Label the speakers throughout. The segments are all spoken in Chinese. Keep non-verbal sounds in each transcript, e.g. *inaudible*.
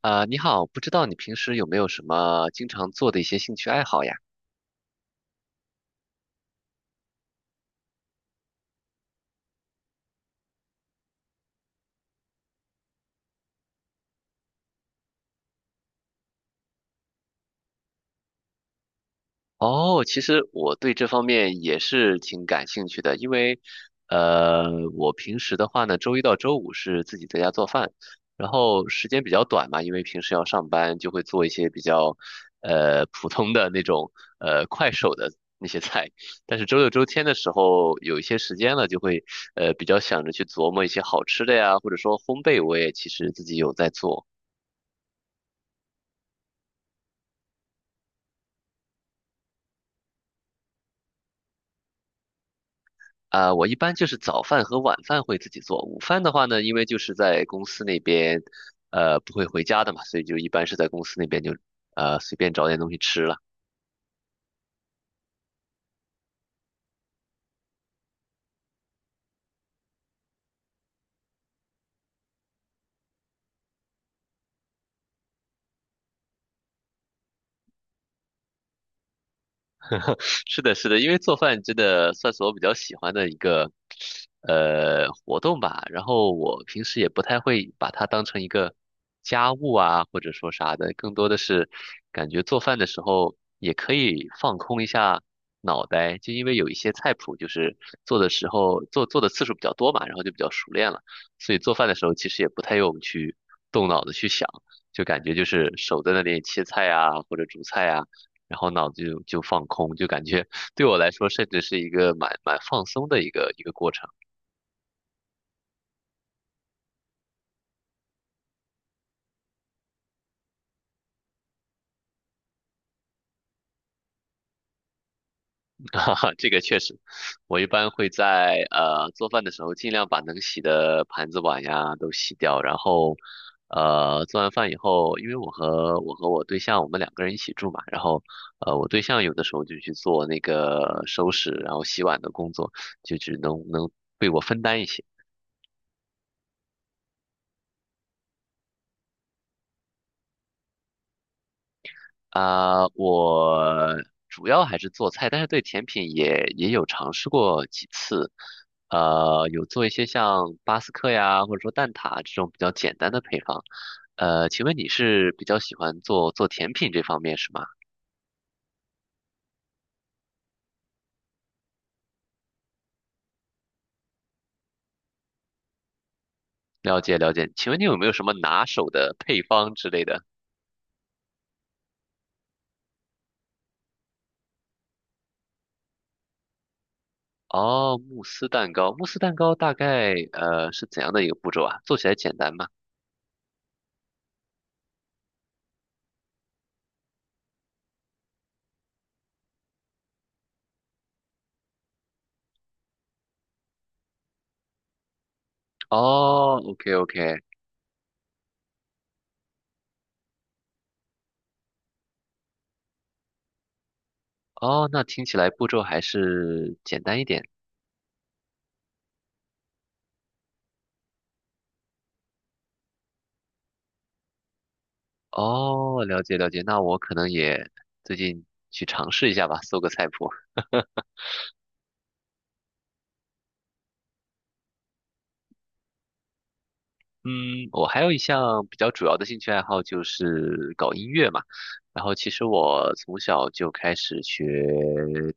Speaker 1: 你好，不知道你平时有没有什么经常做的一些兴趣爱好呀？哦，其实我对这方面也是挺感兴趣的，因为，呃，我平时的话呢，周一到周五是自己在家做饭，然后时间比较短嘛，因为平时要上班，就会做一些比较，普通的那种，快手的那些菜。但是周六周天的时候，有一些时间了，就会，比较想着去琢磨一些好吃的呀，或者说烘焙，我也其实自己有在做。啊，我一般就是早饭和晚饭会自己做，午饭的话呢，因为就是在公司那边，不会回家的嘛，所以就一般是在公司那边就随便找点东西吃了。是的，是的，因为做饭真的算是我比较喜欢的一个活动吧。然后我平时也不太会把它当成一个家务啊，或者说啥的，更多的是感觉做饭的时候也可以放空一下脑袋，就因为有一些菜谱就是做的时候做的次数比较多嘛，然后就比较熟练了，所以做饭的时候其实也不太用去动脑子去想，就感觉就是手在那里切菜啊，或者煮菜啊。然后脑子就放空，就感觉 *laughs* 对我来说，甚至是一个蛮放松的一个过程。*laughs* 哈哈，这个确实，我一般会在做饭的时候，尽量把能洗的盘子碗呀都洗掉，然后做完饭以后，因为我和我对象我们两个人一起住嘛，然后我对象有的时候就去做那个收拾然后洗碗的工作，就只能被我分担一些。啊、我主要还是做菜，但是对甜品也有尝试过几次，有做一些像巴斯克呀，或者说蛋挞这种比较简单的配方。请问你是比较喜欢做甜品这方面是吗？了解了解，请问你有没有什么拿手的配方之类的？哦，慕斯蛋糕大概是怎样的一个步骤啊？做起来简单吗？哦，OK OK，哦，那听起来步骤还是简单一点。哦，了解了解，那我可能也最近去尝试一下吧，搜个菜谱。嗯，我还有一项比较主要的兴趣爱好就是搞音乐嘛。然后其实我从小就开始学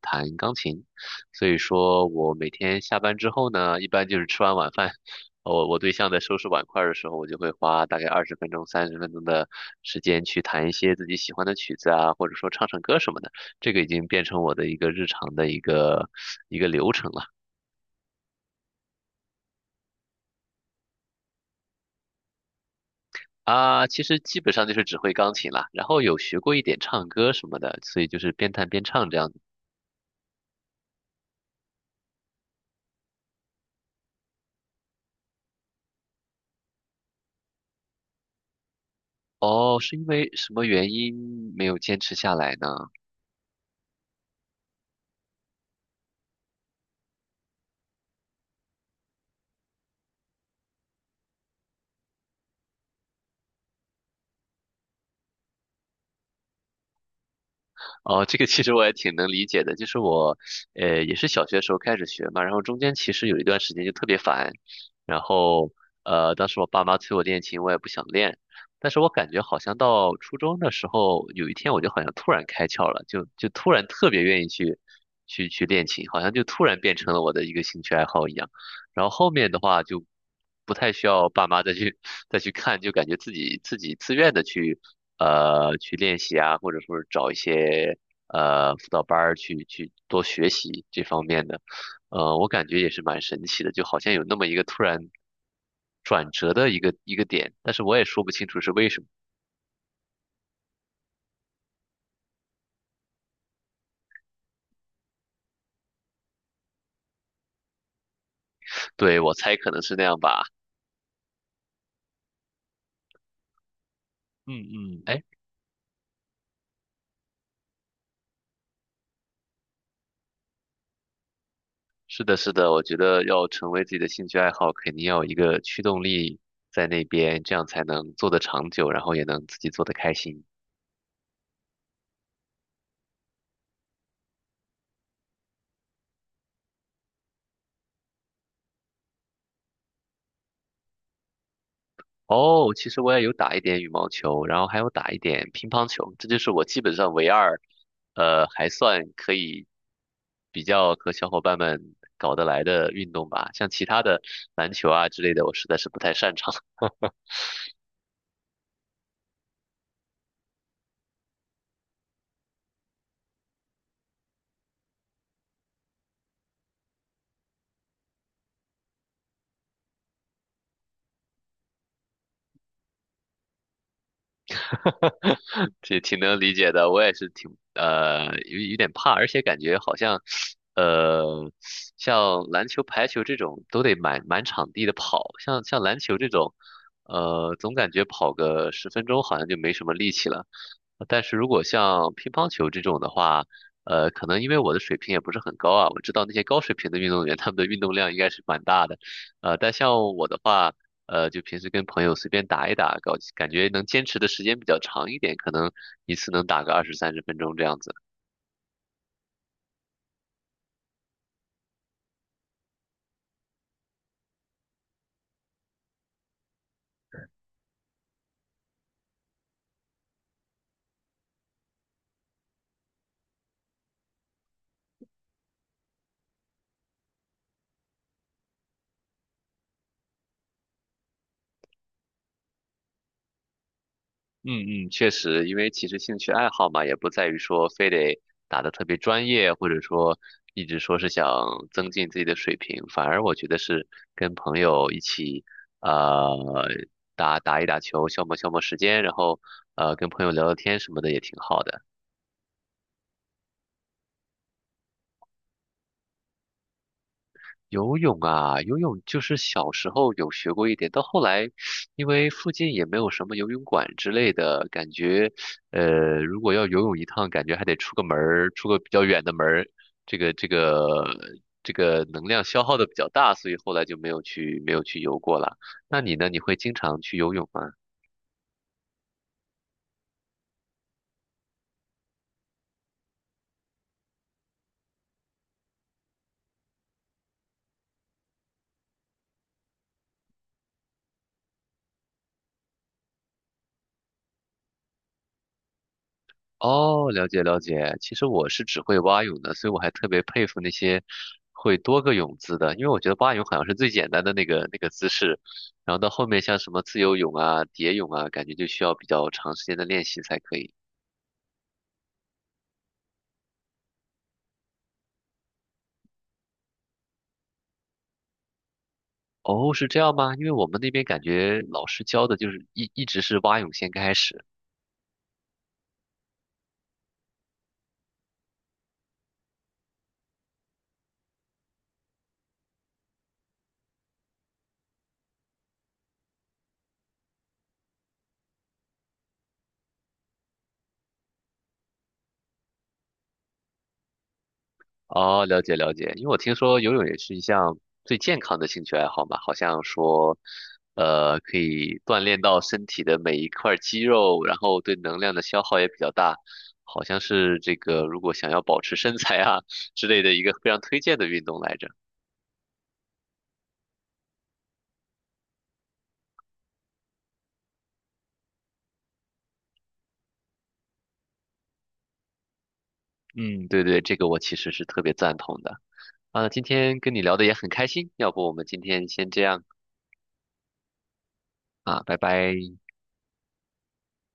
Speaker 1: 弹钢琴，所以说我每天下班之后呢，一般就是吃完晚饭，我对象在收拾碗筷儿的时候，我就会花大概20分钟、三十分钟的时间去弹一些自己喜欢的曲子啊，或者说唱唱歌什么的。这个已经变成我的一个日常的一个流程了。啊，其实基本上就是只会钢琴啦，然后有学过一点唱歌什么的，所以就是边弹边唱这样子。哦，是因为什么原因没有坚持下来呢？哦，这个其实我也挺能理解的，就是我，也是小学的时候开始学嘛，然后中间其实有一段时间就特别烦，然后，当时我爸妈催我练琴，我也不想练，但是我感觉好像到初中的时候，有一天我就好像突然开窍了，就突然特别愿意去练琴，好像就突然变成了我的一个兴趣爱好一样。然后后面的话就不太需要爸妈再去 *laughs* 再去看，就感觉自己自愿的去练习啊，或者说是找一些辅导班儿去多学习这方面的，我感觉也是蛮神奇的，就好像有那么一个突然转折的一个点，但是我也说不清楚是为什么，对，我猜可能是那样吧，嗯嗯，哎，是的，是的，我觉得要成为自己的兴趣爱好，肯定要有一个驱动力在那边，这样才能做得长久，然后也能自己做得开心。哦，其实我也有打一点羽毛球，然后还有打一点乒乓球，这就是我基本上唯二，还算可以比较和小伙伴们搞得来的运动吧。像其他的篮球啊之类的，我实在是不太擅长，*laughs* 挺能理解的。我也是挺有点怕，而且感觉好像。呃，像篮球、排球这种都得满场地的跑，像篮球这种，总感觉跑个十分钟好像就没什么力气了。但是如果像乒乓球这种的话，可能因为我的水平也不是很高啊，我知道那些高水平的运动员他们的运动量应该是蛮大的，但像我的话，就平时跟朋友随便打一打，搞，感觉能坚持的时间比较长一点，可能一次能打个二十三十分钟这样子。嗯嗯，确实，因为其实兴趣爱好嘛，也不在于说非得打得特别专业，或者说一直说是想增进自己的水平，反而我觉得是跟朋友一起，呃，打一打球，消磨消磨时间，然后跟朋友聊聊天什么的也挺好的。游泳啊，游泳就是小时候有学过一点，到后来，因为附近也没有什么游泳馆之类的，感觉，呃，如果要游泳一趟，感觉还得出个门儿，出个比较远的门儿，这个这个这个能量消耗的比较大，所以后来就没有去游过了。那你呢？你会经常去游泳吗？哦，了解了解。其实我是只会蛙泳的，所以我还特别佩服那些会多个泳姿的，因为我觉得蛙泳好像是最简单的那个姿势，然后到后面像什么自由泳啊、蝶泳啊，感觉就需要比较长时间的练习才可以。哦，是这样吗？因为我们那边感觉老师教的就是一直是蛙泳先开始。哦，了解了解，因为我听说游泳也是一项最健康的兴趣爱好嘛，好像说，可以锻炼到身体的每一块肌肉，然后对能量的消耗也比较大，好像是这个如果想要保持身材啊之类的一个非常推荐的运动来着。嗯，对对，这个我其实是特别赞同的。啊，今天跟你聊的也很开心，要不我们今天先这样啊，拜拜。